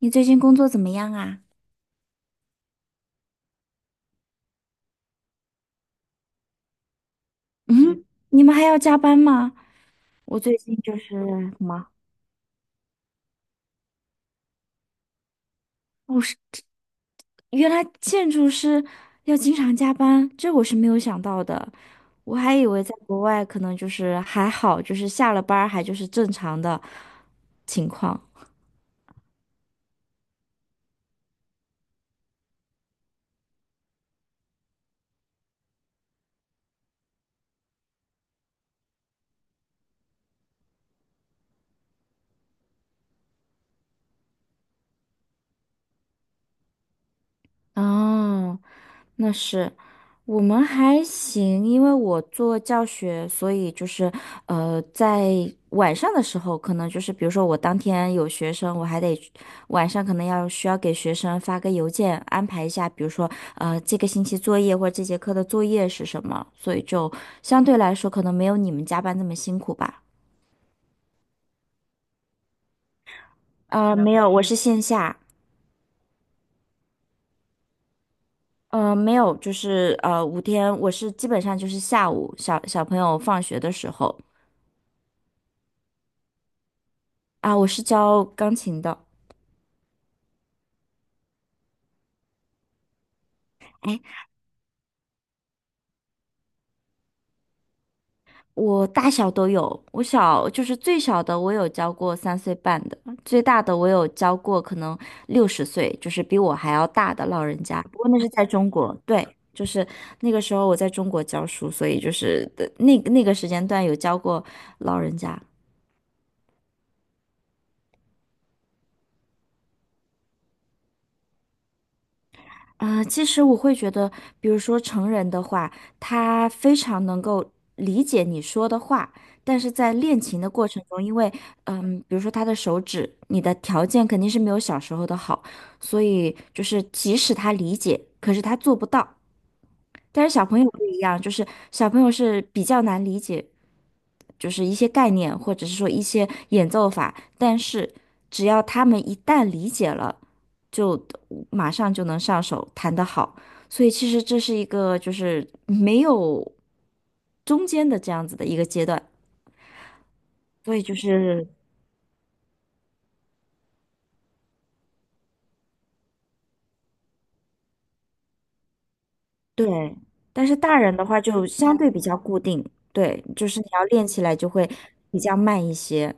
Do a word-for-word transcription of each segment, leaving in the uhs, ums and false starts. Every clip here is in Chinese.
你最近工作怎么样啊？嗯，你们还要加班吗？我最近就是什么？哦，是，原来建筑师要经常加班，这我是没有想到的。我还以为在国外可能就是还好，就是下了班儿还就是正常的情况。哦，那是，我们还行，因为我做教学，所以就是，呃，在晚上的时候，可能就是，比如说我当天有学生，我还得晚上可能要需要给学生发个邮件，安排一下，比如说，呃，这个星期作业或者这节课的作业是什么，所以就相对来说可能没有你们加班那么辛苦吧。呃，没有，我是线下。呃，没有，就是呃，五天，我是基本上就是下午小小朋友放学的时候。啊，我是教钢琴的。哎，我大小都有，我小就是最小的我有教过三岁半的，最大的我有教过可能六十岁，就是比我还要大的老人家。不过那是在中国，对，就是那个时候我在中国教书，所以就是的那个那个时间段有教过老人家。呃，其实我会觉得，比如说成人的话，他非常能够理解你说的话，但是在练琴的过程中，因为，嗯，比如说他的手指，你的条件肯定是没有小时候的好，所以就是即使他理解，可是他做不到。但是小朋友不一样，就是小朋友是比较难理解，就是一些概念，或者是说一些演奏法，但是只要他们一旦理解了，就马上就能上手，弹得好。所以其实这是一个就是没有中间的这样子的一个阶段，所以就是对。但是大人的话就相对比较固定，对，就是你要练起来就会比较慢一些。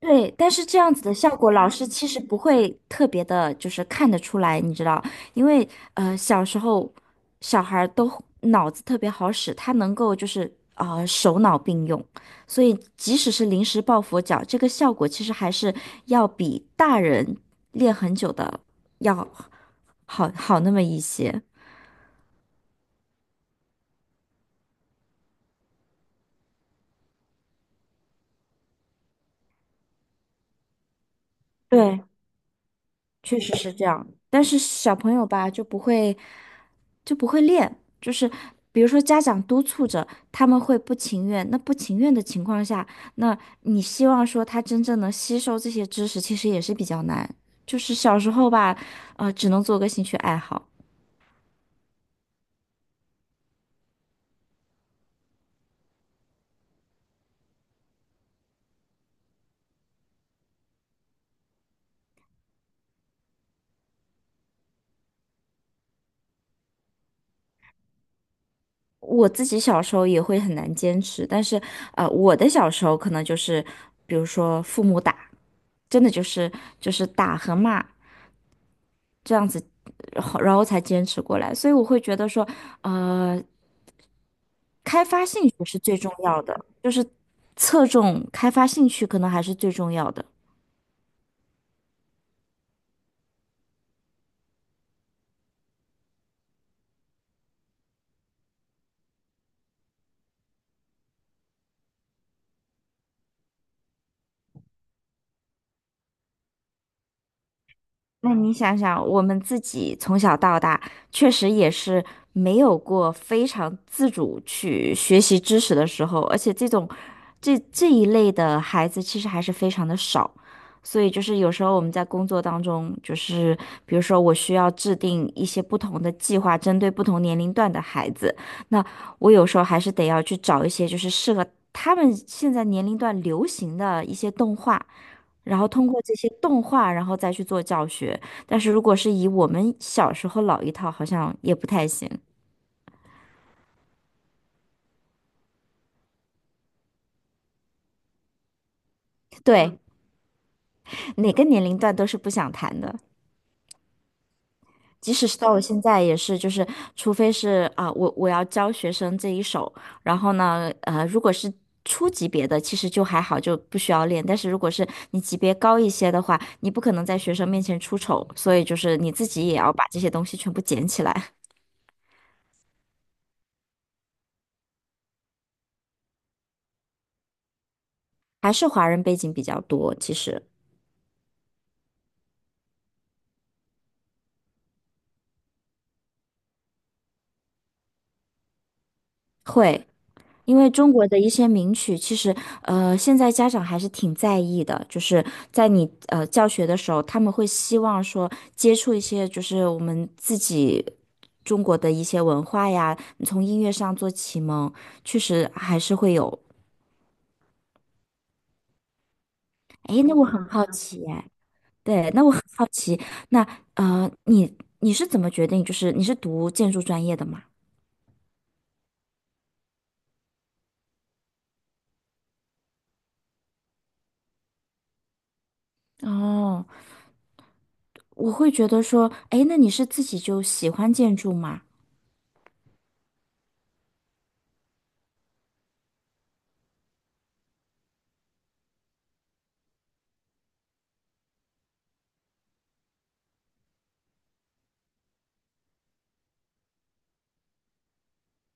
对，但是这样子的效果，老师其实不会特别的，就是看得出来，你知道，因为呃，小时候小孩儿都脑子特别好使，他能够就是啊、呃手脑并用，所以即使是临时抱佛脚，这个效果其实还是要比大人练很久的要好好那么一些。对，确实是这样，但是小朋友吧就不会就不会练，就是比如说家长督促着，他们会不情愿。那不情愿的情况下，那你希望说他真正能吸收这些知识，其实也是比较难。就是小时候吧，呃，只能做个兴趣爱好。我自己小时候也会很难坚持，但是呃，我的小时候可能就是，比如说父母打，真的就是就是打和骂。这样子，然后然后才坚持过来。所以我会觉得说，呃，开发兴趣是最重要的，就是侧重开发兴趣可能还是最重要的。那你想想，我们自己从小到大，确实也是没有过非常自主去学习知识的时候，而且这种这这一类的孩子其实还是非常的少。所以就是有时候我们在工作当中，就是比如说我需要制定一些不同的计划，针对不同年龄段的孩子，那我有时候还是得要去找一些就是适合他们现在年龄段流行的一些动画。然后通过这些动画，然后再去做教学。但是如果是以我们小时候老一套，好像也不太行。对，哪个年龄段都是不想谈的，即使是到我现在也是，就是除非是啊，我我要教学生这一手，然后呢，呃，如果是。初级别的其实就还好，就不需要练。但是如果是你级别高一些的话，你不可能在学生面前出丑，所以就是你自己也要把这些东西全部捡起来。还是华人背景比较多，其实会。因为中国的一些名曲，其实呃，现在家长还是挺在意的，就是在你呃教学的时候，他们会希望说接触一些就是我们自己中国的一些文化呀，从音乐上做启蒙，确实还是会有。诶，那我很好奇哎，对，那我很好奇，那呃，你你是怎么决定，就是你是读建筑专业的嘛？哦，我会觉得说，诶，那你是自己就喜欢建筑吗？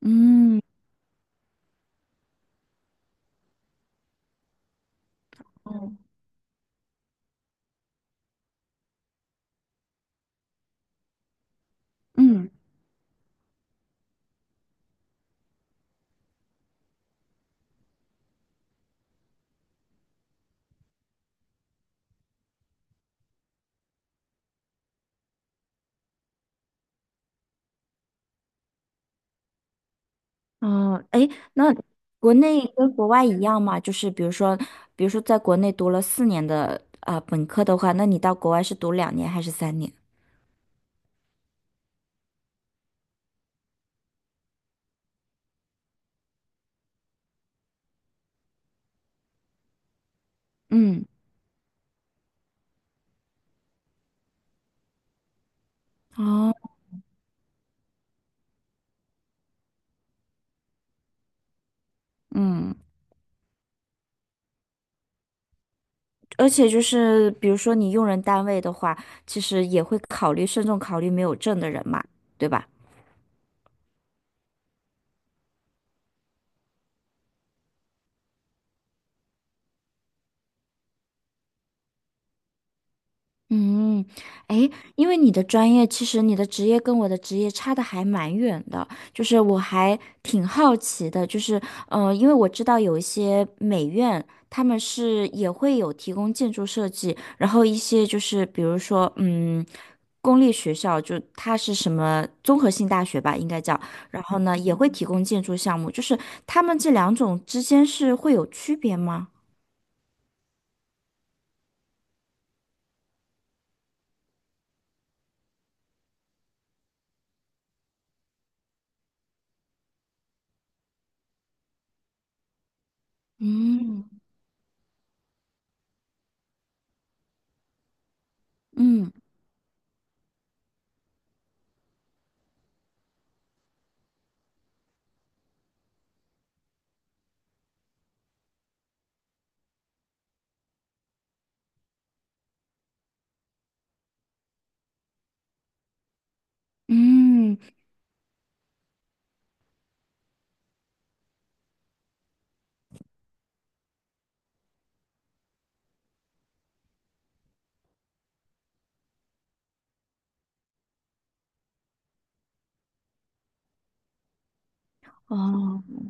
嗯。嗯，哦，哎，那国内跟国外一样吗？就是比如说，比如说在国内读了四年的啊本科的话，那你到国外是读两年还是三年？嗯，哦，嗯，而且就是比如说你用人单位的话，其实也会考虑慎重考虑没有证的人嘛，对吧？嗯，诶，因为你的专业，其实你的职业跟我的职业差的还蛮远的，就是我还挺好奇的，就是，呃，因为我知道有一些美院，他们是也会有提供建筑设计，然后一些就是比如说，嗯，公立学校就它是什么综合性大学吧，应该叫，然后呢也会提供建筑项目，就是他们这两种之间是会有区别吗？嗯嗯嗯，哦。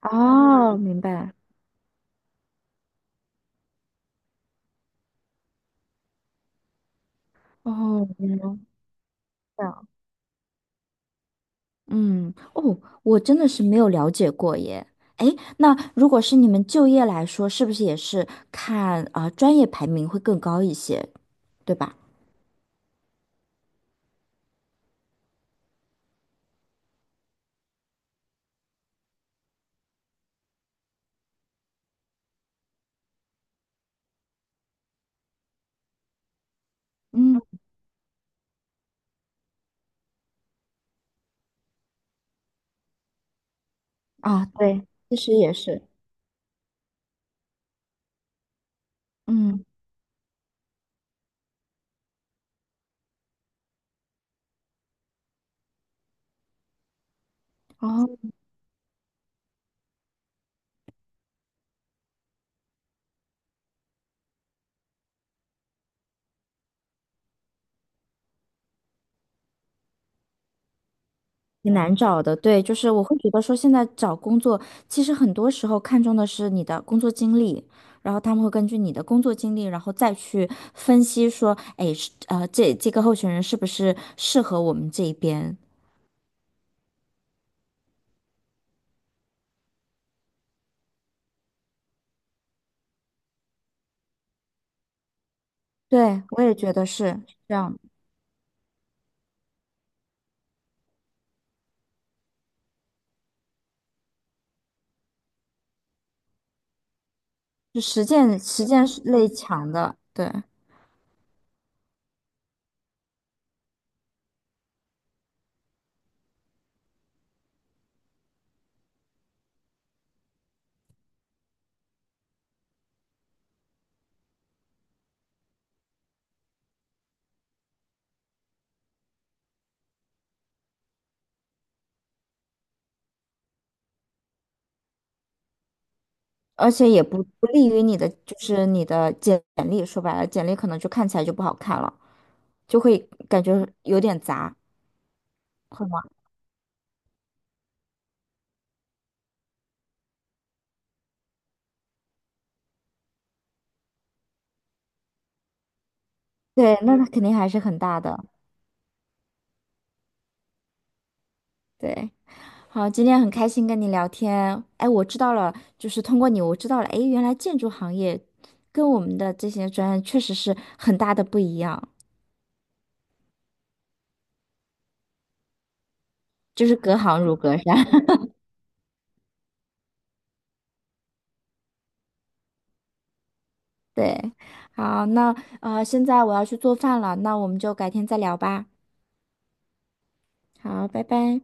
哦，明白。哦，原来是这样。嗯，哦，我真的是没有了解过耶。哎，那如果是你们就业来说，是不是也是看啊、呃专业排名会更高一些，对吧？嗯，啊，对，其实也是。嗯，哦，挺难找的，对，就是我会觉得说，现在找工作，其实很多时候看重的是你的工作经历，然后他们会根据你的工作经历，然后再去分析说，哎，是呃，这这个候选人是不是适合我们这一边？对，我也觉得是是这样，就实践实践是类强的，对，而且也不不利于你的，就是你的简简历，说白了，简历可能就看起来就不好看了，就会感觉有点杂，会吗？对，那它肯定还是很大的。对，好，今天很开心跟你聊天。哎，我知道了，就是通过你，我知道了，哎，原来建筑行业跟我们的这些专业确实是很大的不一样，就是隔行如隔山。对，好，那呃，现在我要去做饭了，那我们就改天再聊吧。好，拜拜。